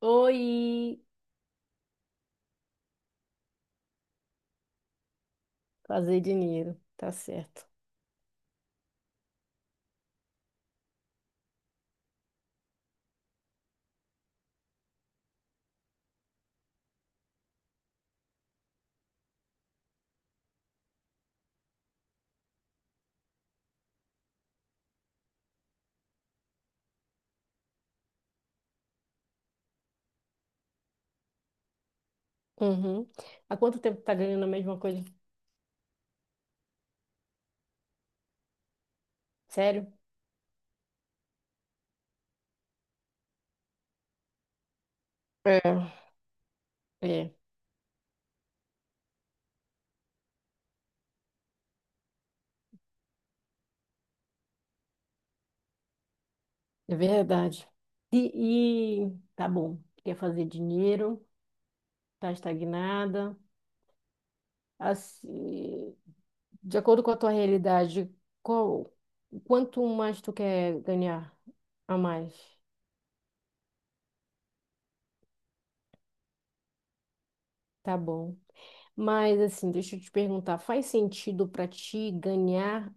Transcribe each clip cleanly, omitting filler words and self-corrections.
Oi, fazer dinheiro, tá certo. Uhum. Há quanto tempo tá ganhando a mesma coisa? Sério? É, é, é verdade. E tá bom, quer fazer dinheiro, tá estagnada. Assim, de acordo com a tua realidade, qual, quanto mais tu quer ganhar a mais? Tá bom. Mas assim, deixa eu te perguntar, faz sentido pra ti ganhar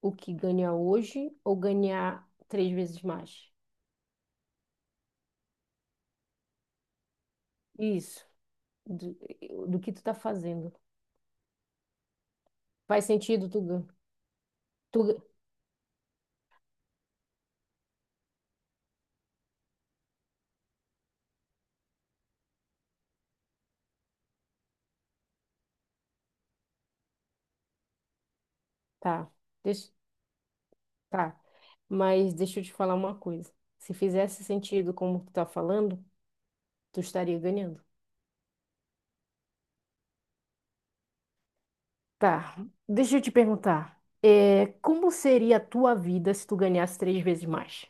o que ganha hoje ou ganhar três vezes mais? Isso, do, do que tu tá fazendo. Faz sentido, tu gan- tá, deixa, tá. Mas deixa eu te falar uma coisa. Se fizesse sentido como tu tá falando, tu estaria ganhando. Tá, deixa eu te perguntar. É, como seria a tua vida se tu ganhasse três vezes mais?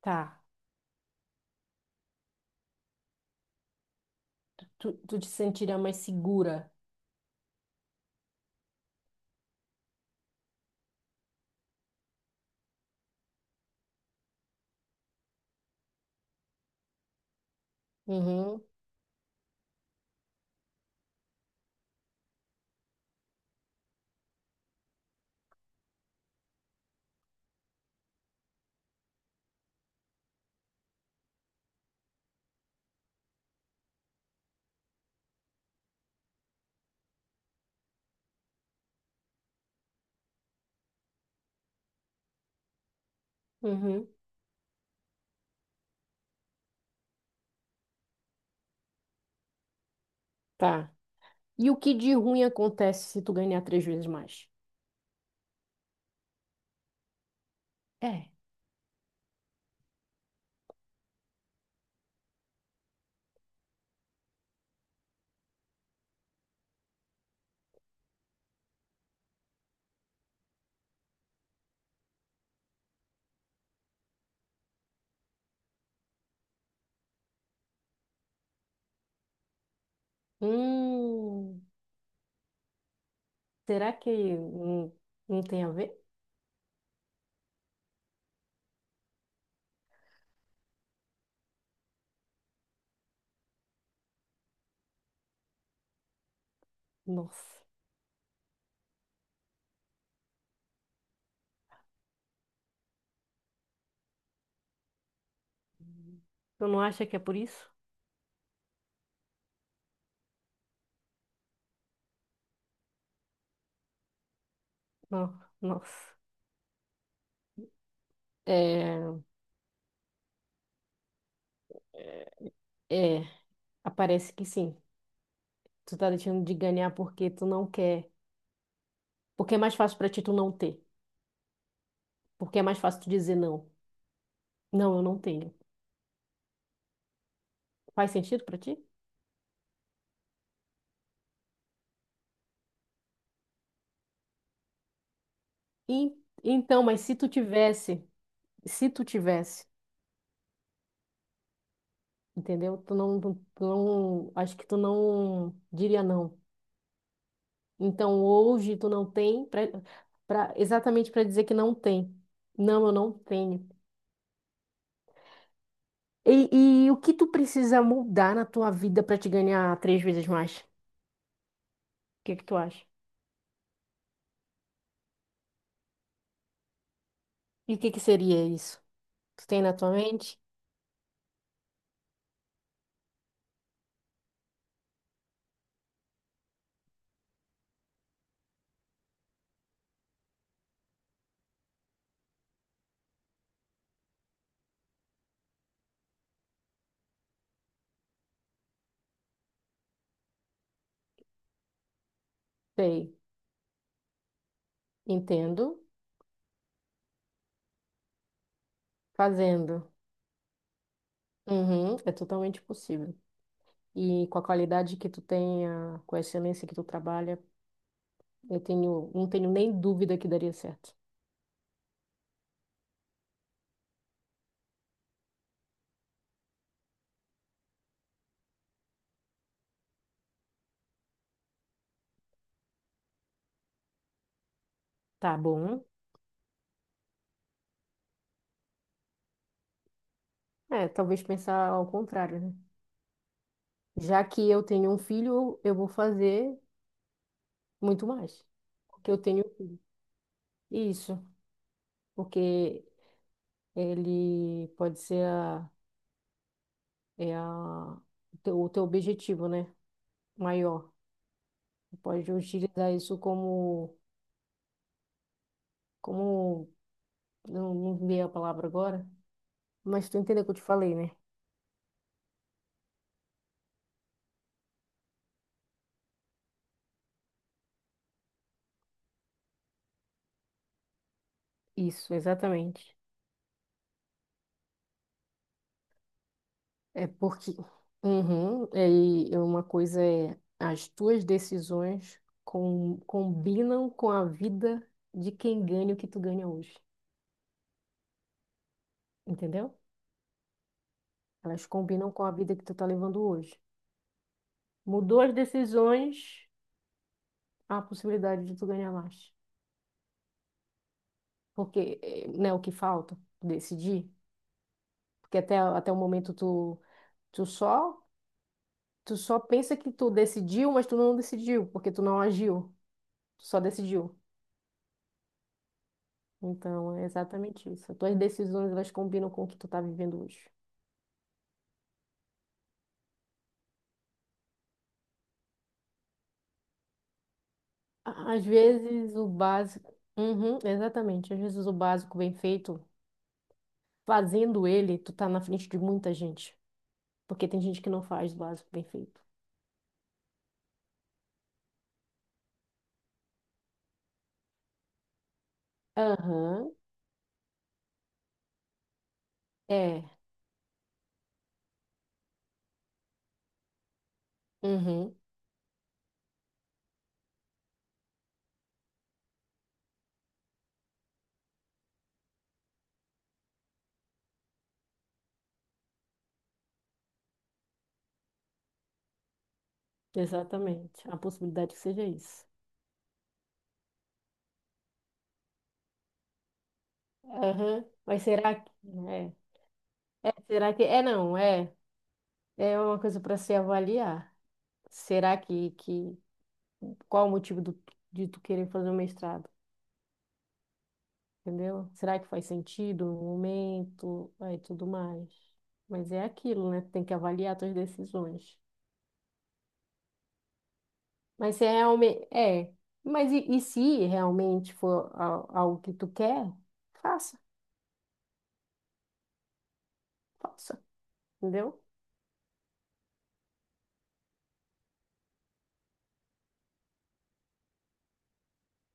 Tá. Tu te sentiria mais segura. Uhum, uhum. Tá. E o que de ruim acontece se tu ganhar três vezes mais? É. Hum, será que não tem a ver? Nossa. Tu não acha que é por isso? Não, nossa. É, é, aparece que sim. Tu tá deixando de ganhar porque tu não quer. Porque é mais fácil pra ti tu não ter. Porque é mais fácil tu dizer não. Não, eu não tenho. Faz sentido pra ti? E- então, mas se tu tivesse, entendeu? Tu não, acho que tu não diria não. Então hoje tu não tem exatamente para dizer que não tem. Não, eu não tenho. E o que tu precisa mudar na tua vida para te ganhar três vezes mais? O que que tu acha? E o que que seria isso? Tu tem na tua mente? Sei. Entendo. Fazendo. Uhum, é totalmente possível. E com a qualidade que tu tenha, com a excelência que tu trabalha, eu tenho, não tenho nem dúvida que daria certo. Tá bom. É, talvez pensar ao contrário, né? Já que eu tenho um filho, eu vou fazer muito mais. Porque eu tenho um filho. Isso, porque ele pode ser a, é a, o teu objetivo, né? Maior. Tu Pode utilizar isso como não, não veio a palavra agora, mas tu entendeu o que eu te falei, né? Isso, exatamente. É porque uhum, é, e é uma coisa é as tuas decisões combinam com a vida de quem ganha o que tu ganha hoje, entendeu? Elas combinam com a vida que tu tá levando hoje. Mudou as decisões, há a possibilidade de tu ganhar mais. Porque, né, o que falta? Decidir. Porque até o momento tu só tu só pensa que tu decidiu, mas tu não decidiu, porque tu não agiu. Tu só decidiu. Então, é exatamente isso. As tuas decisões, elas combinam com o que tu tá vivendo hoje. Á- Às vezes, o básico... Uhum, exatamente. Às vezes, o básico bem feito, fazendo ele, tu tá na frente de muita gente. Porque tem gente que não faz o básico bem feito. Aham, é. Uhum, exatamente. A possibilidade que seja isso. Aham, mas será que... É, será que... É, não, é. É uma coisa para se avaliar. Será que... Qual o motivo de tu querer fazer o mestrado? Entendeu? Será que faz sentido no momento? Aí tudo mais. Mas é aquilo, né? Tem que avaliar tuas decisões. Mas se realmente é, mas se realmente for algo que tu quer, faça, faça, entendeu?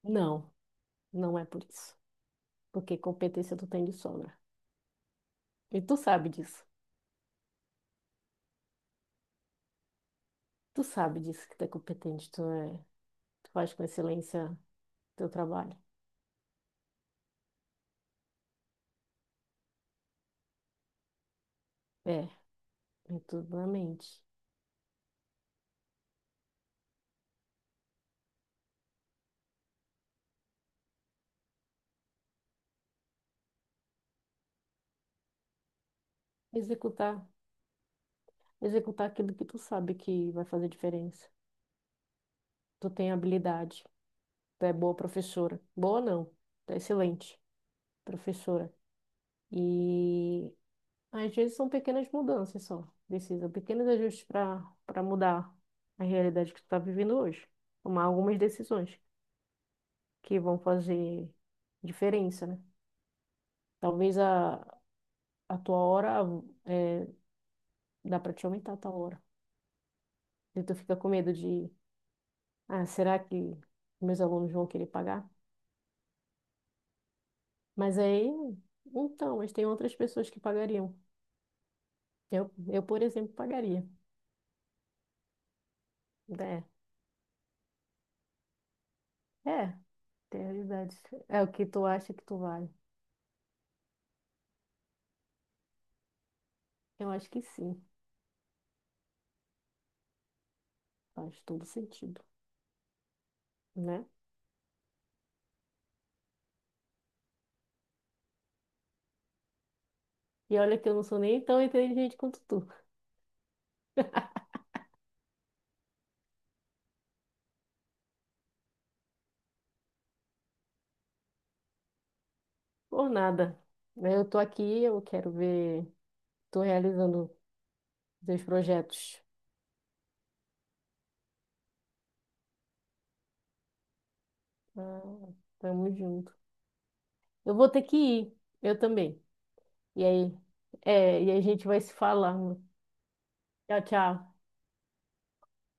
Não, não é por isso. Porque competência tu tem de sobra. E tu sabe disso. Tu sabe disso que tu é competente, tu faz com excelência teu trabalho. É, é tudo na mente. Executar. Executar aquilo que tu sabe que vai fazer diferença. Tu tem habilidade, tu é boa professora. Boa não, tu é excelente professora. E às vezes são pequenas mudanças só, precisam pequenos ajustes para mudar a realidade que tu tá vivendo hoje. Tomar algumas decisões que vão fazer diferença, né? Talvez a tua hora é, dá para te aumentar a tua hora. E tu fica com medo de, ah, será que meus alunos vão querer pagar? Mas aí, então, mas tem outras pessoas que pagariam. Eu, por exemplo, pagaria. É, é, tem realidade. É o que tu acha que tu vale. Eu acho que sim, faz todo sentido, né? E olha que eu não sou nem tão inteligente quanto tu. Por nada. Né? Eu tô aqui, eu quero ver, tô realizando teus projetos. Ah, tamo junto. Eu vou ter que ir, eu também. E aí, é, e aí a gente vai se falando. Tchau, tchau.